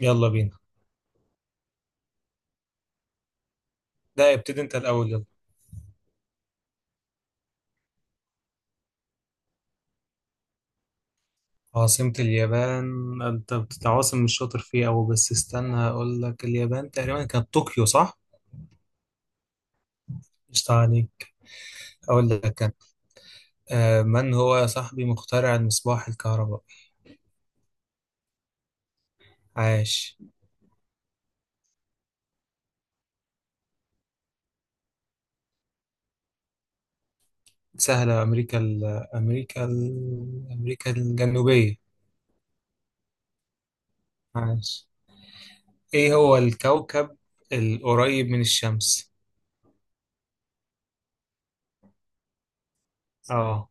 يلا بينا. لا، ابتدي انت الأول يلا. عاصمة اليابان؟ انت بتتعاصم، مش شاطر فيه أوي، بس استنى هقول لك. اليابان تقريبا كانت طوكيو، صح؟ مش عليك، أقول لك كان. من هو صاحبي مخترع المصباح الكهربائي؟ عاش. سهلة، أمريكا ال أمريكا ال أمريكا الجنوبية. عاش. إيه هو الكوكب القريب من الشمس؟ اه،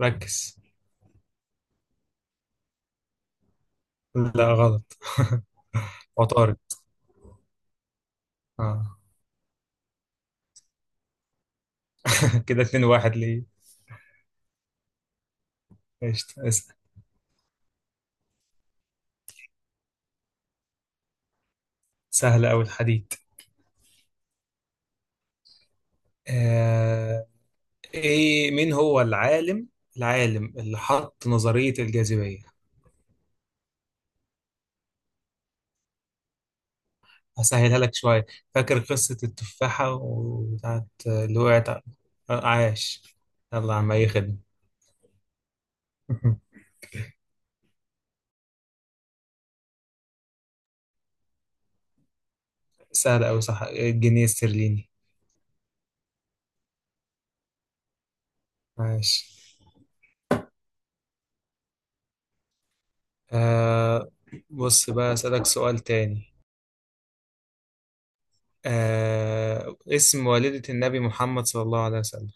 ركز. لا، غلط. عطارد. اه. كده اتنين واحد ليه؟ قشطة. سهل أوي، الحديد. آه إيه، مين هو العالم، العالم اللي حط نظرية الجاذبية؟ هسهلها لك شوية، فاكر قصة التفاحة وبتاعت اللي وقعت عاش. يلا يا عم، أي خدمة. سهل أوي، صح، الجنيه الاسترليني. عاش. آه بص بقى، أسألك سؤال تاني. آه، اسم والدة النبي محمد صلى الله عليه وسلم؟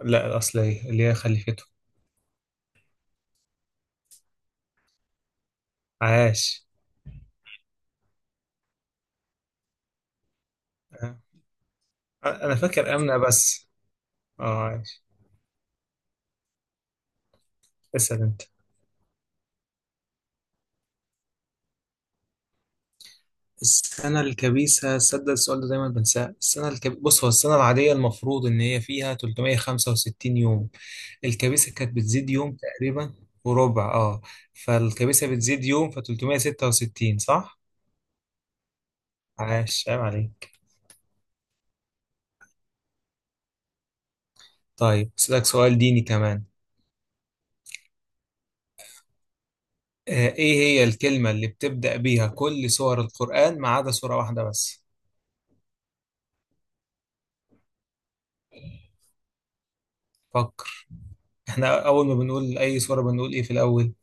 لا، الأصلية اللي هي خليفته. عاش. آه. انا فاكر امنه بس. اه ماشي. اسال انت. السنه الكبيسه، صدق السؤال ده دايما بنساه. بص، هو السنه العاديه المفروض ان هي فيها 365 يوم، الكبيسه كانت بتزيد يوم تقريبا. وربع اه. فالكبيسه بتزيد يوم، ف 366، صح؟ عاش، عيب عليك. طيب اسالك سؤال ديني كمان. آه، ايه هي الكلمه اللي بتبدا بيها كل سور القران ما عدا سوره واحده بس؟ فكر. احنا اول ما بنقول اي سوره بنقول ايه في الاول؟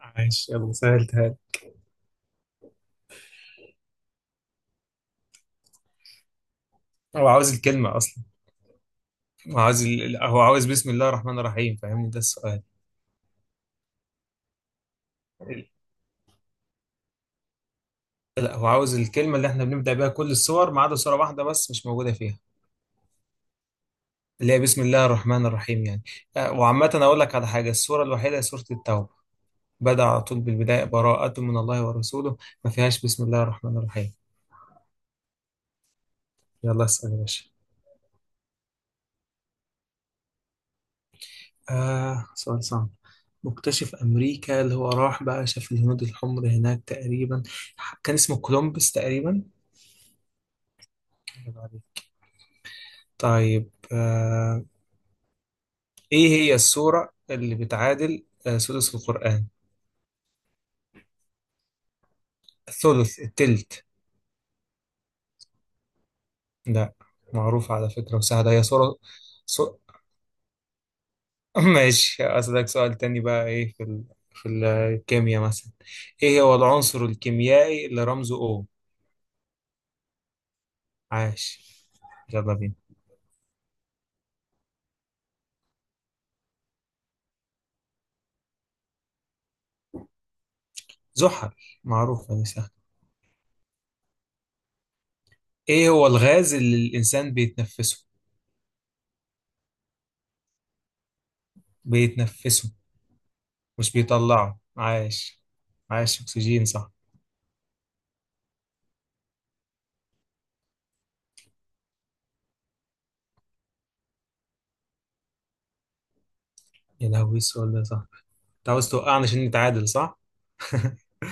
عايش، يلا سهلتها لي. هو عاوز الكلمة أصلا. هو عاوز هو عاوز بسم الله الرحمن الرحيم، فاهمني؟ ده السؤال. ال- لا، هو عاوز الكلمة اللي احنا بنبدأ بيها كل السور ما عدا سورة واحدة بس مش موجودة فيها، اللي هي بسم الله الرحمن الرحيم يعني. آه، وعامة أقول لك على حاجة، السورة الوحيدة هي سورة التوبة، بدأ على طول بالبداية براءة من الله ورسوله، ما فيهاش بسم الله الرحمن الرحيم. يلا اسأل يا باشا. آه، سؤال صعب. مكتشف أمريكا اللي هو راح بقى شاف الهنود الحمر هناك تقريبا، كان اسمه كولومبس تقريبا. طيب آه، إيه هي السورة اللي بتعادل آه، سدس القرآن، الثلث، التلت؟ لا. معروفة على فكرة وسهلة، هي سورة. سو... ماشي أسألك سؤال تاني بقى. إيه في الكيمياء مثلا، إيه هو العنصر الكيميائي اللي رمزه O؟ عاش، يلا بينا. زحل، معروفة دي، سهلة. إيه هو الغاز اللي الإنسان بيتنفسه؟ بيتنفسه مش بيطلعه، عاش. عاش، أكسجين، صح. يا لهوي، السؤال ده صعب. انت عاوز توقعني عشان نتعادل، صح؟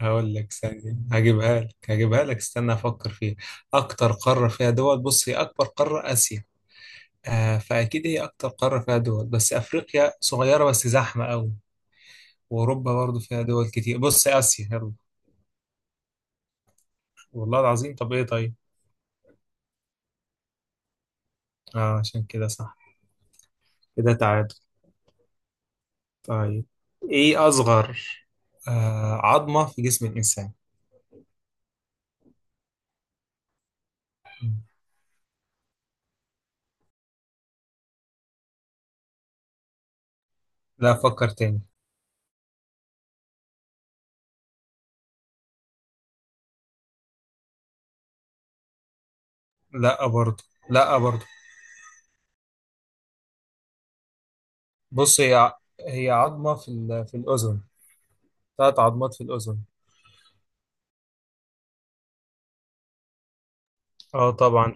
هقول لك ثانية، هجيبها لك هجيبها لك، استنى أفكر فيها. أكتر قارة فيها دول، بص، هي أكبر قارة آسيا، آه، فأكيد هي أكتر قارة فيها دول، بس أفريقيا صغيرة بس زحمة أوي، وأوروبا برضو فيها دول كتير، بص آسيا يلا. والله العظيم، طب إيه طيب؟ آه، عشان كده صح، كده تعادل. طيب، إيه أصغر آه، عظمة في جسم الإنسان؟ لا، أفكر تاني. لا، برضو. لا، برضو. بص، هي عظمة في الأذن، ثلاث عظمات في الأذن. اه طبعا.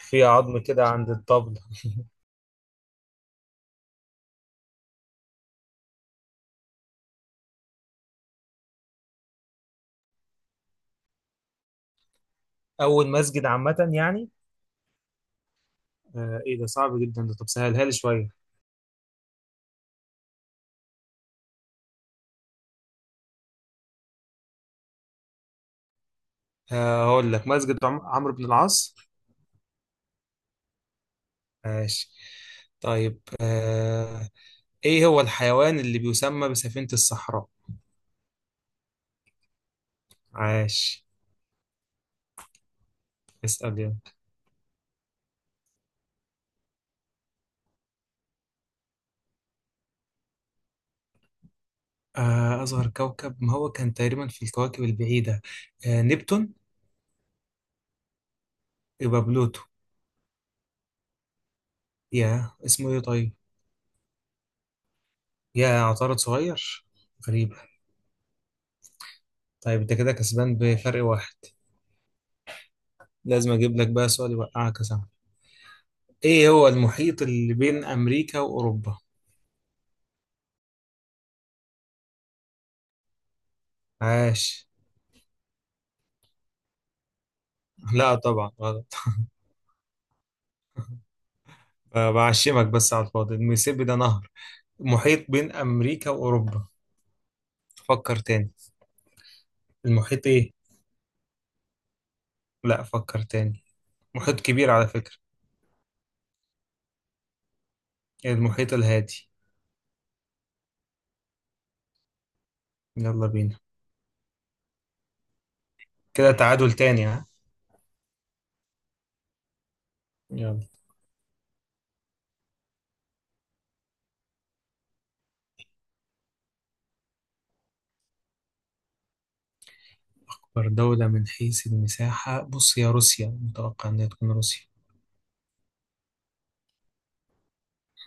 في عظم كده عند الطبل. أول مسجد عامة يعني؟ آه، إيه ده صعب جدا ده، طب سهلها لي شوية. آه، هقول لك مسجد عمرو بن العاص. ماشي. طيب آه، إيه هو الحيوان اللي بيسمى بسفينة الصحراء؟ عاش. اسأل يلا. آه، أصغر كوكب، ما هو كان تقريبا في الكواكب البعيدة، آه، نبتون. يبقى بلوتو. يا اسمه إيه طيب؟ يا عطارد صغير. غريبة. طيب انت كده كسبان بفرق واحد، لازم اجيب لك بقى سؤال يوقعك يا صاحبي. ايه هو المحيط اللي بين امريكا واوروبا؟ عاش. لا، طبعا غلط. بعشمك بس على الفاضي، الميسيبي ده نهر، محيط بين امريكا واوروبا. فكر تاني. المحيط ايه؟ لا، فكر تاني. محيط كبير على فكرة. المحيط الهادي. يلا بينا. كده تعادل تاني، ها؟ يلا. أكبر دولة من حيث المساحة؟ بص، يا روسيا، متوقع إنها تكون روسيا.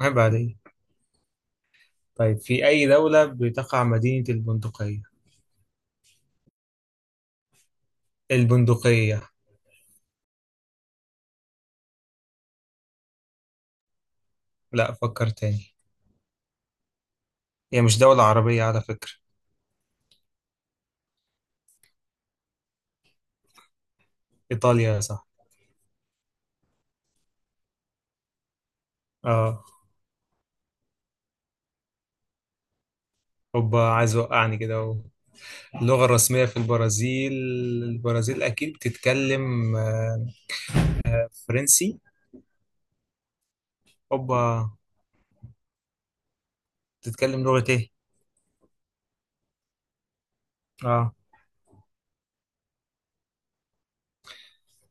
عيب عليك. طيب، في أي دولة بتقع مدينة البندقية؟ البندقية. لا، فكر تاني. هي مش دولة عربية على فكرة. إيطاليا، صح. اه. هوبا، عايز وقعني كده اهو. اللغة الرسمية في البرازيل، البرازيل أكيد بتتكلم آه، فرنسي. هوبا. بتتكلم لغة إيه؟ اه.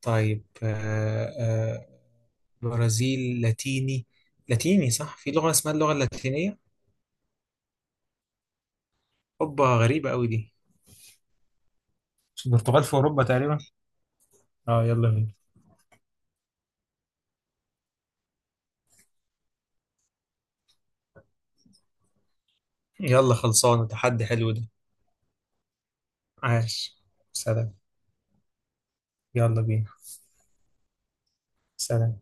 طيب آه برازيل لاتيني، لاتيني، صح، في لغة اسمها اللغة اللاتينية. هوبا، غريبة أوي دي، مش البرتغال في أوروبا تقريبا؟ اه، يلا بينا. يلا، خلصانة، تحدي حلو ده. عاش. سلام. يلا بينا. سلام.